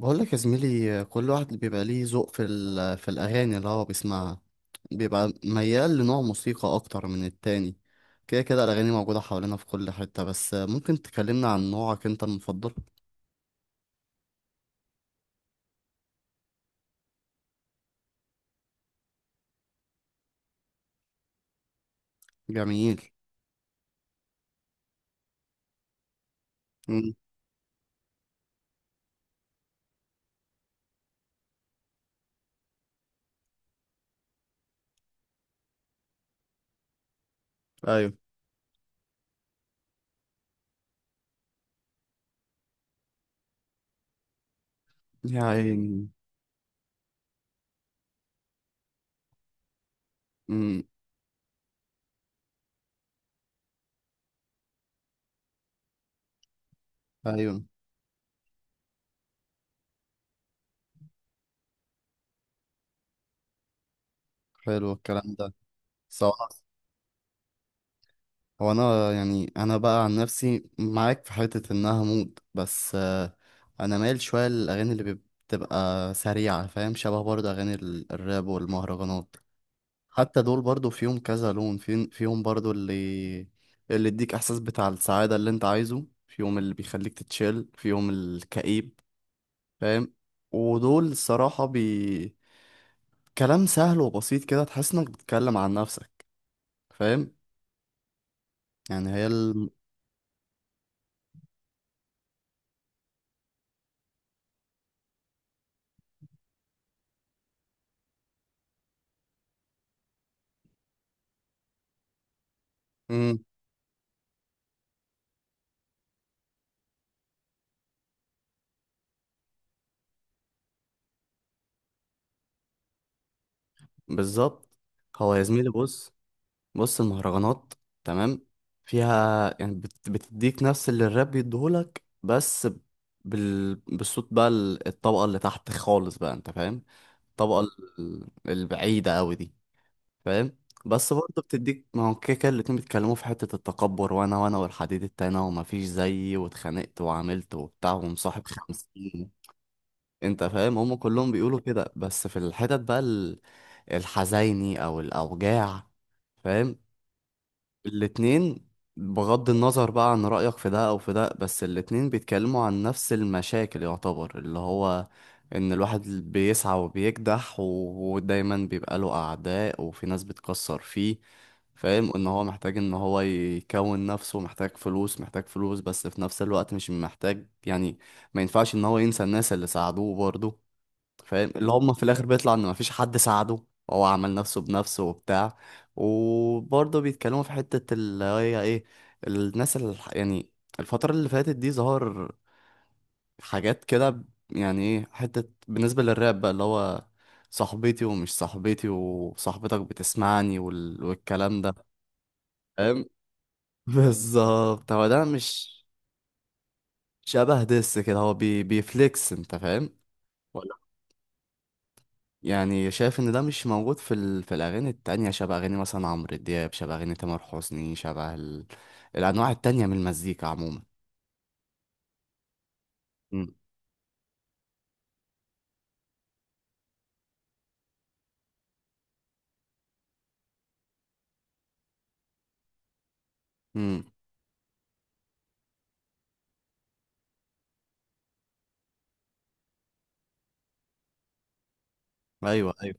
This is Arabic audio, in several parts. بقول لك يا زميلي، كل واحد بيبقى ليه ذوق في الأغاني اللي هو بيسمعها. بيبقى ميال لنوع موسيقى أكتر من التاني. كده كده الأغاني موجودة حوالينا في كل حتة، بس ممكن تكلمنا عن نوعك أنت المفضل؟ جميل. مم. أيوه. يا عيني. مم. أيوه. حلو الكلام ده. هو انا يعني انا بقى عن نفسي معاك في حتة انها مود، بس انا مايل شوية بتبقى سريعة. فاهم؟ شبه برضه اغاني الراب والمهرجانات. حتى دول برضه فيهم كذا لون، فيهم برضه اللي يديك احساس بتاع السعادة اللي انت عايزه فيهم، اللي بيخليك تتشيل فيهم الكئيب. فاهم؟ ودول الصراحة كلام سهل وبسيط، كده تحس انك بتتكلم عن نفسك. فاهم؟ يعني بالظبط. هو يا زميلي بص. بص، المهرجانات، تمام، فيها يعني بتديك نفس اللي الراب بيديهولك، بس بالصوت بقى، الطبقة اللي تحت خالص بقى، انت فاهم؟ الطبقة البعيدة قوي دي. فاهم؟ بس برضه بتديك. ما هو كده كده الاتنين بيتكلموا في حتة التكبر، وانا وانا والحديد التاني ومفيش زيي واتخانقت وعملت وبتاع ومصاحب خمسين. انت فاهم؟ هم كلهم بيقولوا كده. بس في الحتت بقى الحزيني او الاوجاع، فاهم؟ الاتنين، بغض النظر بقى عن رأيك في ده او في ده، بس الاتنين بيتكلموا عن نفس المشاكل، يعتبر اللي هو ان الواحد بيسعى وبيكدح، ودايما بيبقى له اعداء وفي ناس بتكسر فيه. فاهم؟ ان هو محتاج ان هو يكون نفسه، محتاج فلوس، محتاج فلوس، بس في نفس الوقت مش محتاج يعني ما ينفعش ان هو ينسى الناس اللي ساعدوه برضه. فاهم؟ اللي هم في الاخر بيطلع ان مفيش حد ساعده، هو عمل نفسه بنفسه وبتاع. وبرضه بيتكلموا في حتة اللي هي ايه، الناس اللي يعني الفترة اللي فاتت دي ظهر حاجات كده يعني ايه، حتة بالنسبة للراب بقى اللي هو صاحبتي ومش صاحبتي وصاحبتك بتسمعني، والكلام ده. فاهم؟ بالظبط، هو ده. مش شبه دس كده، هو بيفليكس، انت فاهم؟ يعني شايف ان ده مش موجود في الاغاني التانية، شبه اغاني مثلا عمرو دياب، شبه اغاني تامر حسني، الانواع التانية من المزيكا عموما. امم. امم. ايوه ايوه.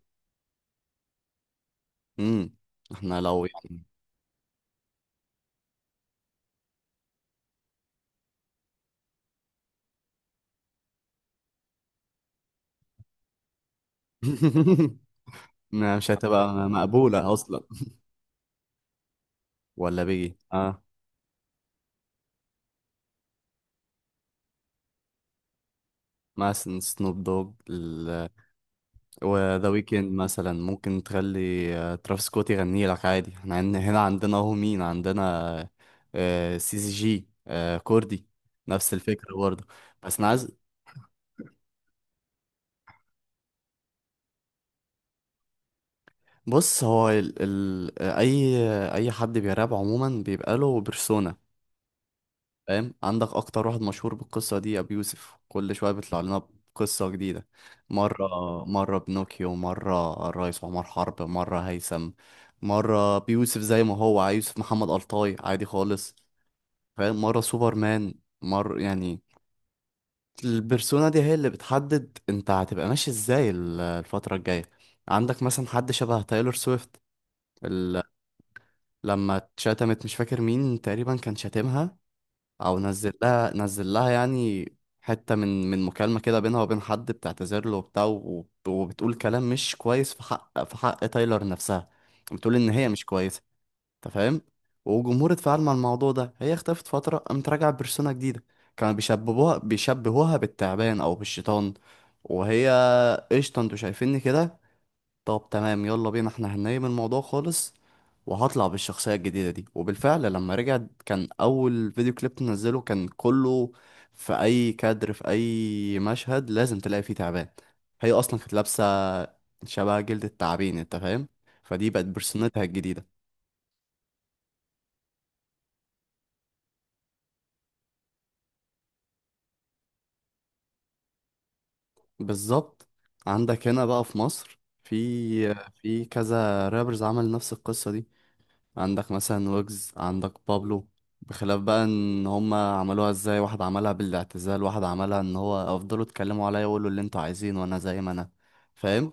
امم. احنا لو يعني. ما مش هتبقى مقبولة اصلا. ولا بيجي، اه. مثلا سنوب دوج، وذا ويكند، مثلا ممكن تخلي ترافيس سكوت يغني لك عادي. احنا هنا عندنا اهو، مين عندنا؟ سي سي جي، كوردي. نفس الفكرة برضه. بس انا عايز. بص، هو ال... ال... آه، اي اي حد بيراب عموما بيبقى له بيرسونا. فاهم؟ عندك اكتر واحد مشهور بالقصه دي ابي يوسف، كل شويه بيطلع لنا بقصه جديده. مره، مره بنوكيو، مره الريس عمر حرب، مره هيثم، مره بيوسف زي ما هو عايز، يوسف محمد الطاي عادي خالص. فاهم؟ مره سوبرمان، مره يعني. البرسونا دي هي اللي بتحدد انت هتبقى ماشي ازاي الفتره الجايه. عندك مثلا حد شبه تايلور سويفت، ال... لما اتشتمت، مش فاكر مين تقريبا كان شاتمها، او نزل لها، نزل لها يعني حتة من مكالمة كده بينها وبين حد، بتعتذر له وبتاع، وبتقول كلام مش كويس في حق، في حق تايلر نفسها. بتقول ان هي مش كويسة. انت فاهم؟ والجمهور اتفاعل مع الموضوع ده، هي اختفت فترة، قامت راجعة بيرسونا جديدة. كانوا بيشبهوها بالتعبان او بالشيطان. وهي، قشطة انتوا شايفيني كده؟ طب تمام يلا بينا، احنا هننام الموضوع خالص، وهطلع بالشخصية الجديدة دي. وبالفعل لما رجع، كان أول فيديو كليب تنزله كان كله، في أي كادر، في أي مشهد، لازم تلاقي فيه تعبان. هي أصلا كانت لابسة شبه جلد التعابين، أنت فاهم؟ فدي بقت برسونتها الجديدة. بالظبط. عندك هنا بقى في مصر في كذا رابرز عمل نفس القصة دي. عندك مثلا ويجز، عندك بابلو. بخلاف بقى ان هما عملوها ازاي. واحد عملها بالاعتزال، واحد عملها ان هو افضلوا اتكلموا عليا وقولوا اللي انتوا عايزينه، وانا زي ما انا. فاهم؟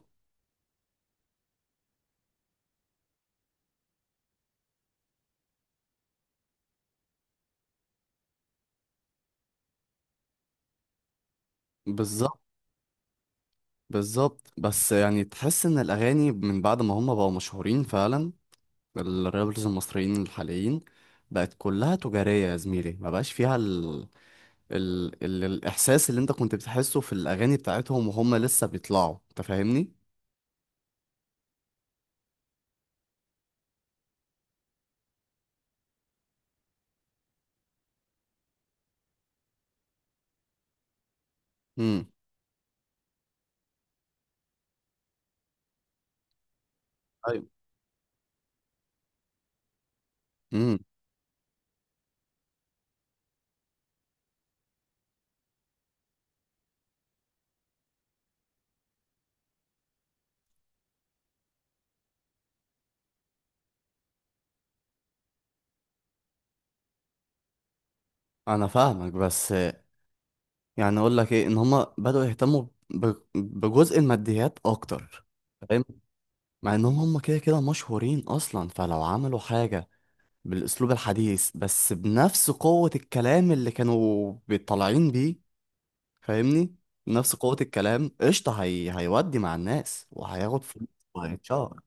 بالظبط. بالظبط. بس يعني تحس ان الاغاني من بعد ما هما بقوا مشهورين فعلا، الرابرز المصريين الحاليين، بقت كلها تجارية يا زميلي، ما بقاش فيها الاحساس اللي انت كنت بتحسه في الاغاني بتاعتهم وهم لسه بيطلعوا. انت فاهمني؟ امم. ايوه. امم. انا فاهمك، بس يعني اقول لك ايه، ان هما بدأوا يهتموا بجزء الماديات اكتر. فاهم؟ مع انهم هما كده كده مشهورين اصلا. فلو عملوا حاجة بالاسلوب الحديث، بس بنفس قوة الكلام اللي كانوا بيطلعين بيه. فاهمني؟ نفس قوة الكلام قشطة، هيودي مع الناس وهياخد فلوس وهيتشهر.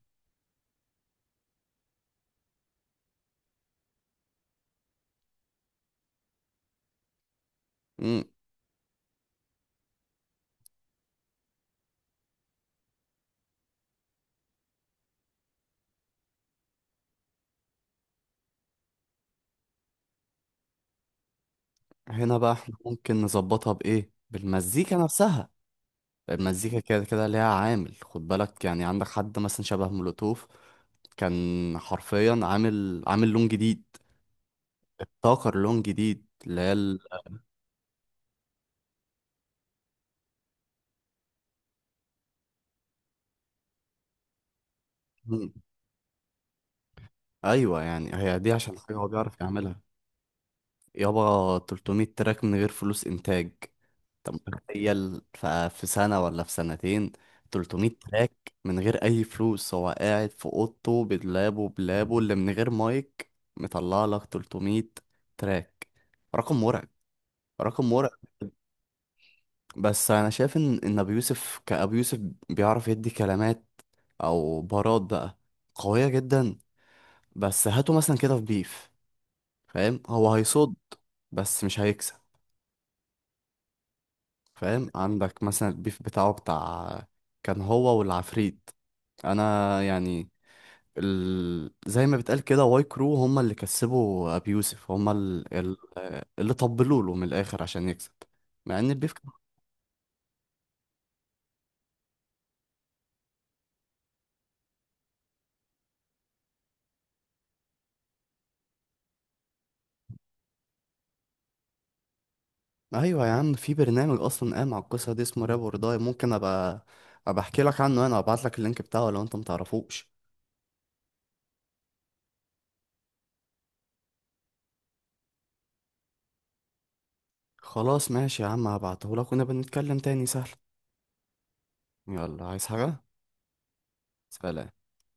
مم. هنا بقى احنا ممكن نظبطها بايه؟ بالمزيكا نفسها. المزيكا كده كده ليها عامل، خد بالك، يعني عندك حد مثلا شبه مولوتوف، كان حرفيا عامل لون جديد، ابتكر لون جديد اللي مم. ايوه يعني هي دي عشان حاجه هو بيعرف يعملها. يابا 300 تراك من غير فلوس انتاج، انت متخيل؟ في سنه ولا في سنتين 300 تراك، من غير اي فلوس، هو قاعد في اوضته بلابه بلابه اللي من غير مايك، مطلع لك 300 تراك. رقم مرعب. رقم مرعب. بس انا شايف ان ابو يوسف، كابو يوسف بيعرف يدي كلمات او بارات بقى قويه جدا. بس هاته مثلا كده في بيف، فاهم؟ هو هيصد، بس مش هيكسب. فاهم؟ عندك مثلا البيف بتاعه كان هو والعفريت، انا يعني زي ما بتقال كده، واي كرو هما اللي كسبوا ابو يوسف. هما اللي طبلوا له من الاخر عشان يكسب، مع ان البيف. ايوه يا عم، في برنامج اصلا قام على القصه دي اسمه راب داي، ممكن ابقى احكي لك عنه، انا ابعت لك اللينك بتاعه لو انت متعرفوش. خلاص ماشي يا عم، هبعته لك ونبقى نتكلم تاني سهل. يلا، عايز حاجه؟ سلام.